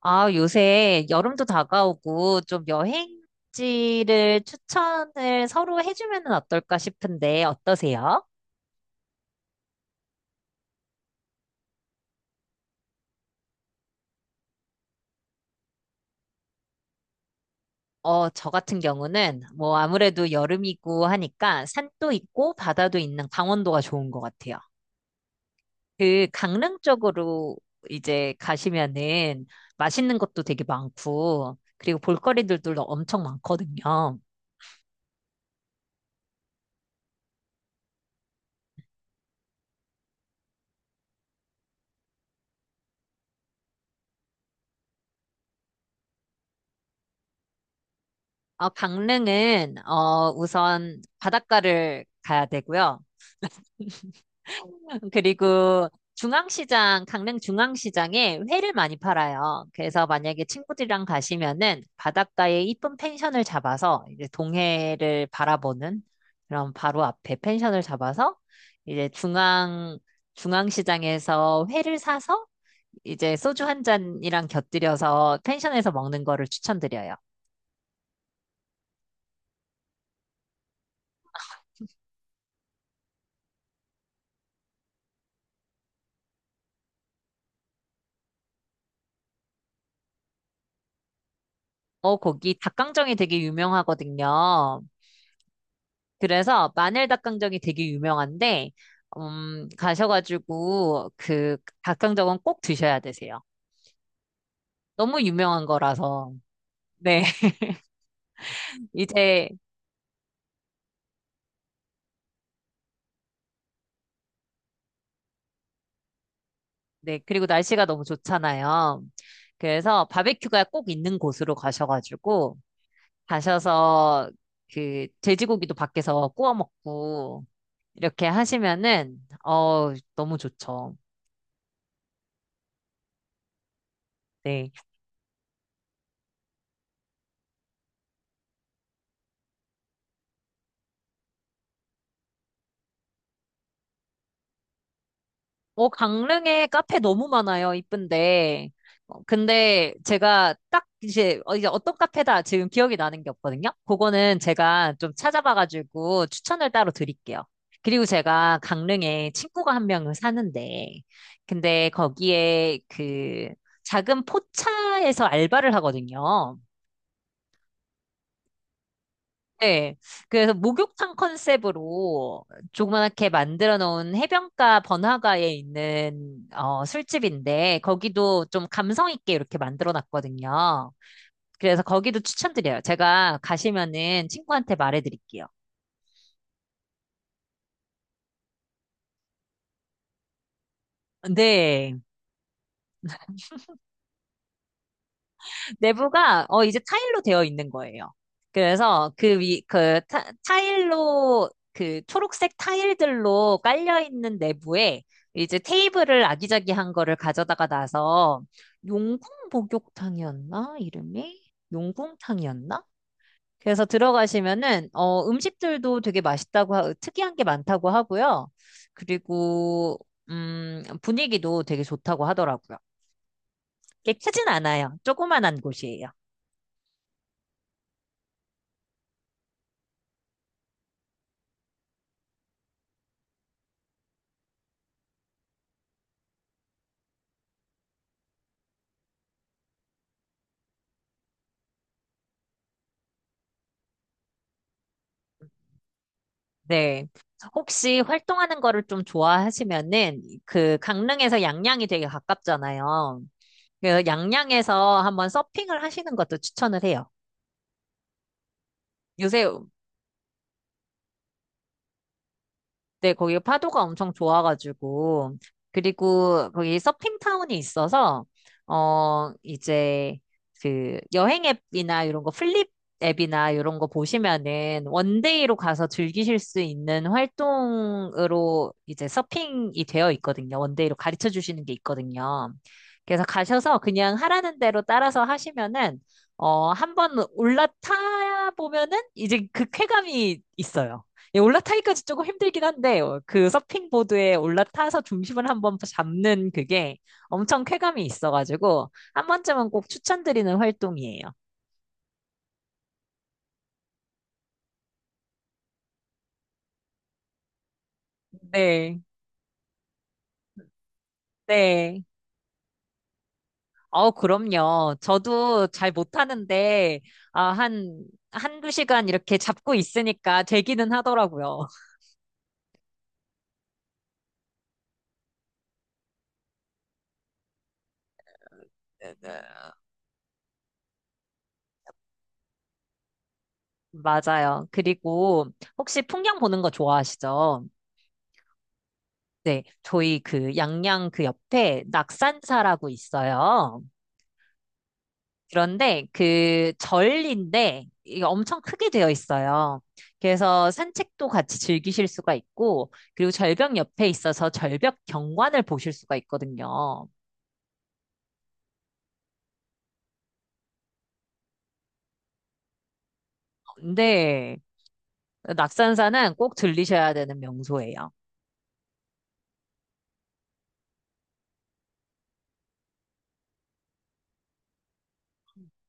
아, 요새 여름도 다가오고 좀 여행지를 추천을 서로 해주면 은 어떨까 싶은데 어떠세요? 저 같은 경우는 뭐 아무래도 여름이고 하니까 산도 있고 바다도 있는 강원도가 좋은 것 같아요. 그 강릉 쪽으로 이제 가시면은 맛있는 것도 되게 많고 그리고 볼거리들도 엄청 많거든요. 강릉은 우선 바닷가를 가야 되고요. 그리고 강릉 중앙시장에 회를 많이 팔아요. 그래서 만약에 친구들이랑 가시면은 바닷가에 이쁜 펜션을 잡아서 이제 동해를 바라보는 그런 바로 앞에 펜션을 잡아서 이제 중앙시장에서 회를 사서 이제 소주 한 잔이랑 곁들여서 펜션에서 먹는 거를 추천드려요. 거기 닭강정이 되게 유명하거든요. 그래서 마늘 닭강정이 되게 유명한데, 가셔가지고 그 닭강정은 꼭 드셔야 되세요. 너무 유명한 거라서. 네, 이제, 네, 그리고 날씨가 너무 좋잖아요. 그래서 바베큐가 꼭 있는 곳으로 가셔가지고, 가셔서 그 돼지고기도 밖에서 구워 먹고, 이렇게 하시면은, 너무 좋죠. 네. 강릉에 카페 너무 많아요. 이쁜데. 근데 제가 딱 이제 어떤 카페다 지금 기억이 나는 게 없거든요. 그거는 제가 좀 찾아봐가지고 추천을 따로 드릴게요. 그리고 제가 강릉에 친구가 한 명을 사는데, 근데 거기에 그 작은 포차에서 알바를 하거든요. 네. 그래서 목욕탕 컨셉으로 조그맣게 만들어 놓은 해변가 번화가에 있는 술집인데 거기도 좀 감성 있게 이렇게 만들어 놨거든요. 그래서 거기도 추천드려요. 제가 가시면은 친구한테 말해 드릴게요. 네. 내부가 이제 타일로 되어 있는 거예요. 그래서 타일로 그 초록색 타일들로 깔려 있는 내부에 이제 테이블을 아기자기한 거를 가져다가 놔서 용궁 목욕탕이었나? 이름이? 용궁탕이었나? 그래서 들어가시면은 음식들도 되게 맛있다고 특이한 게 많다고 하고요. 그리고 분위기도 되게 좋다고 하더라고요. 꽤 크진 않아요. 조그만한 곳이에요. 네. 혹시 활동하는 거를 좀 좋아하시면은 그 강릉에서 양양이 되게 가깝잖아요. 그래서 양양에서 한번 서핑을 하시는 것도 추천을 해요. 요새 네, 거기 파도가 엄청 좋아가지고. 그리고 거기 서핑타운이 있어서, 이제 그 여행 앱이나 이런 거 플립 앱이나 이런 거 보시면은 원데이로 가서 즐기실 수 있는 활동으로 이제 서핑이 되어 있거든요. 원데이로 가르쳐 주시는 게 있거든요. 그래서 가셔서 그냥 하라는 대로 따라서 하시면은, 한번 올라타 보면은 이제 그 쾌감이 있어요. 예, 올라타기까지 조금 힘들긴 한데 그 서핑 보드에 올라타서 중심을 한번 잡는 그게 엄청 쾌감이 있어가지고 한 번쯤은 꼭 추천드리는 활동이에요. 네, 네. 그럼요. 저도 잘 못하는데 아, 한 한두 시간 이렇게 잡고 있으니까 되기는 하더라고요. 네, 네. 맞아요. 그리고 혹시 풍경 보는 거 좋아하시죠? 네, 저희 그 양양 그 옆에 낙산사라고 있어요. 그런데 그 절인데 이게 엄청 크게 되어 있어요. 그래서 산책도 같이 즐기실 수가 있고, 그리고 절벽 옆에 있어서 절벽 경관을 보실 수가 있거든요. 근데 낙산사는 꼭 들리셔야 되는 명소예요.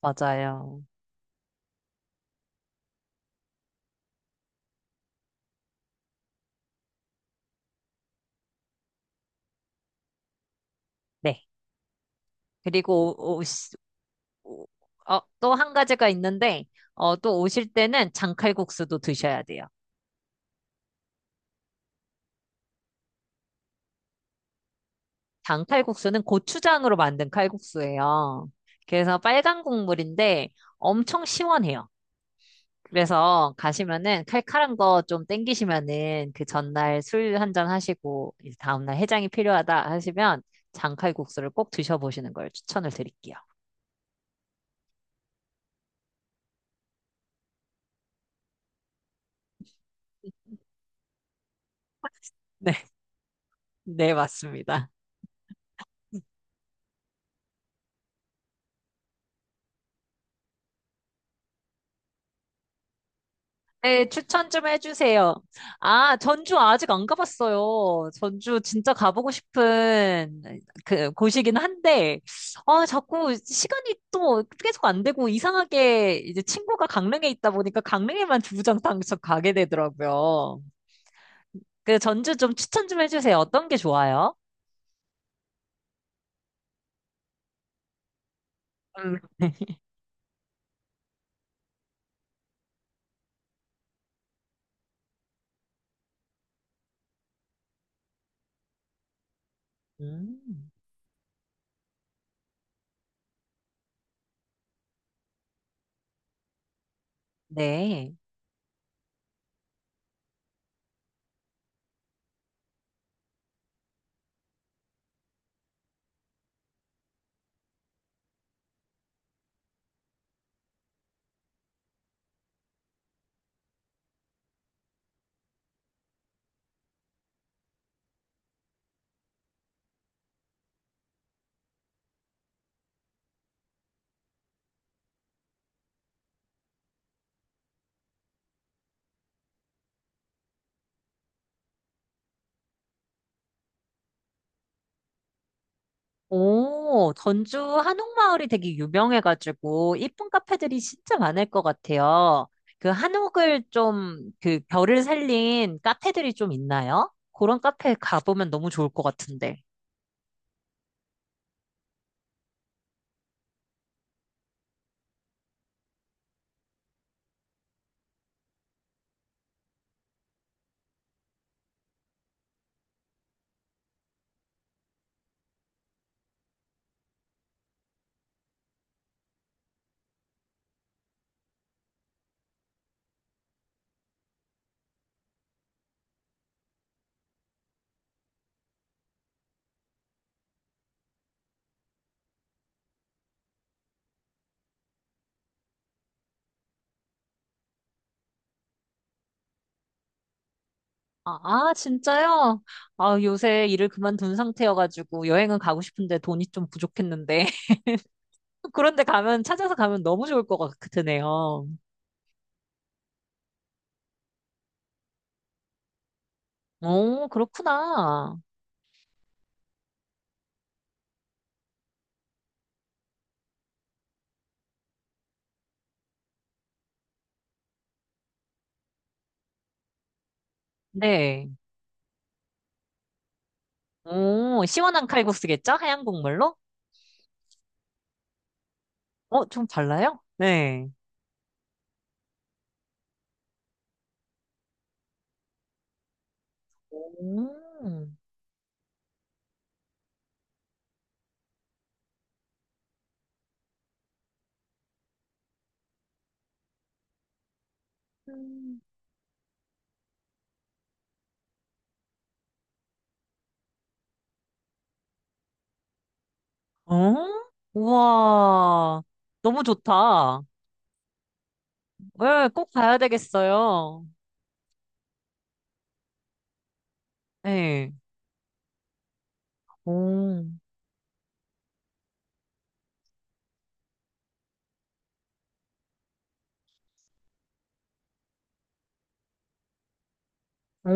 맞아요. 네. 그리고 오, 오, 시- 오- 어, 또 한 가지가 있는데, 또 오실 때는 장칼국수도 드셔야 돼요. 장 칼국수는 고추장으로 만든 칼국수예요. 그래서 빨간 국물인데 엄청 시원해요. 그래서 가시면은 칼칼한 거 좀 땡기시면은 그 전날 술 한 잔 하시고 이제 다음날 해장이 필요하다 하시면 장칼국수를 꼭 드셔보시는 걸 추천을 드릴게요. 네, 네, 맞습니다. 네, 추천 좀 해주세요. 아, 전주 아직 안 가봤어요. 전주 진짜 가보고 싶은 그 곳이긴 한데, 아, 자꾸 시간이 또 계속 안 되고 이상하게 이제 친구가 강릉에 있다 보니까 강릉에만 주구장창 가게 되더라고요. 그 전주 좀 추천 좀 해주세요. 어떤 게 좋아요? 음, 음, 네. 오, 전주 한옥마을이 되게 유명해가지고 이쁜 카페들이 진짜 많을 것 같아요. 그 한옥을 좀 그 결을 살린 카페들이 좀 있나요? 그런 카페 가보면 너무 좋을 것 같은데. 아, 아, 진짜요? 아, 요새 일을 그만둔 상태여가지고 여행은 가고 싶은데 돈이 좀 부족했는데. 그런데 찾아서 가면 너무 좋을 것 같으네요. 오, 그렇구나. 네. 오, 시원한 칼국수겠죠? 하얀 국물로? 좀 달라요? 네. 오. 음. 어? 우와. 너무 좋다. 네, 꼭 가야 되겠어요. 네. 오. 오.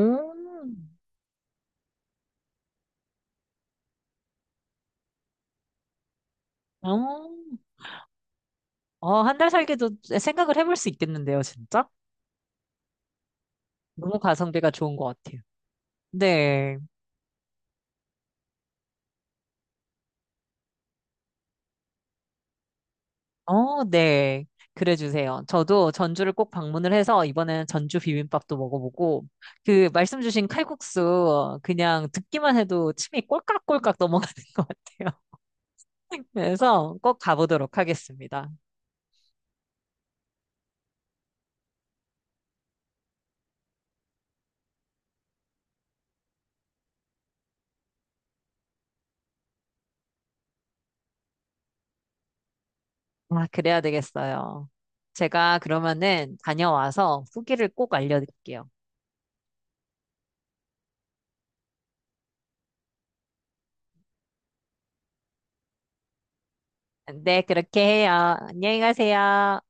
어, 한 달 살기도 생각을 해볼 수 있겠는데요, 진짜? 너무 가성비가 좋은 것 같아요. 네. 네. 그래 주세요. 저도 전주를 꼭 방문을 해서 이번에는 전주 비빔밥도 먹어보고 그 말씀 주신 칼국수 그냥 듣기만 해도 침이 꼴깍꼴깍 넘어가는 것 같아요. 그래서 꼭 가보도록 하겠습니다. 아, 그래야 되겠어요. 제가 그러면은 다녀와서 후기를 꼭 알려드릴게요. 네, 그렇게 해요. 안녕히 가세요.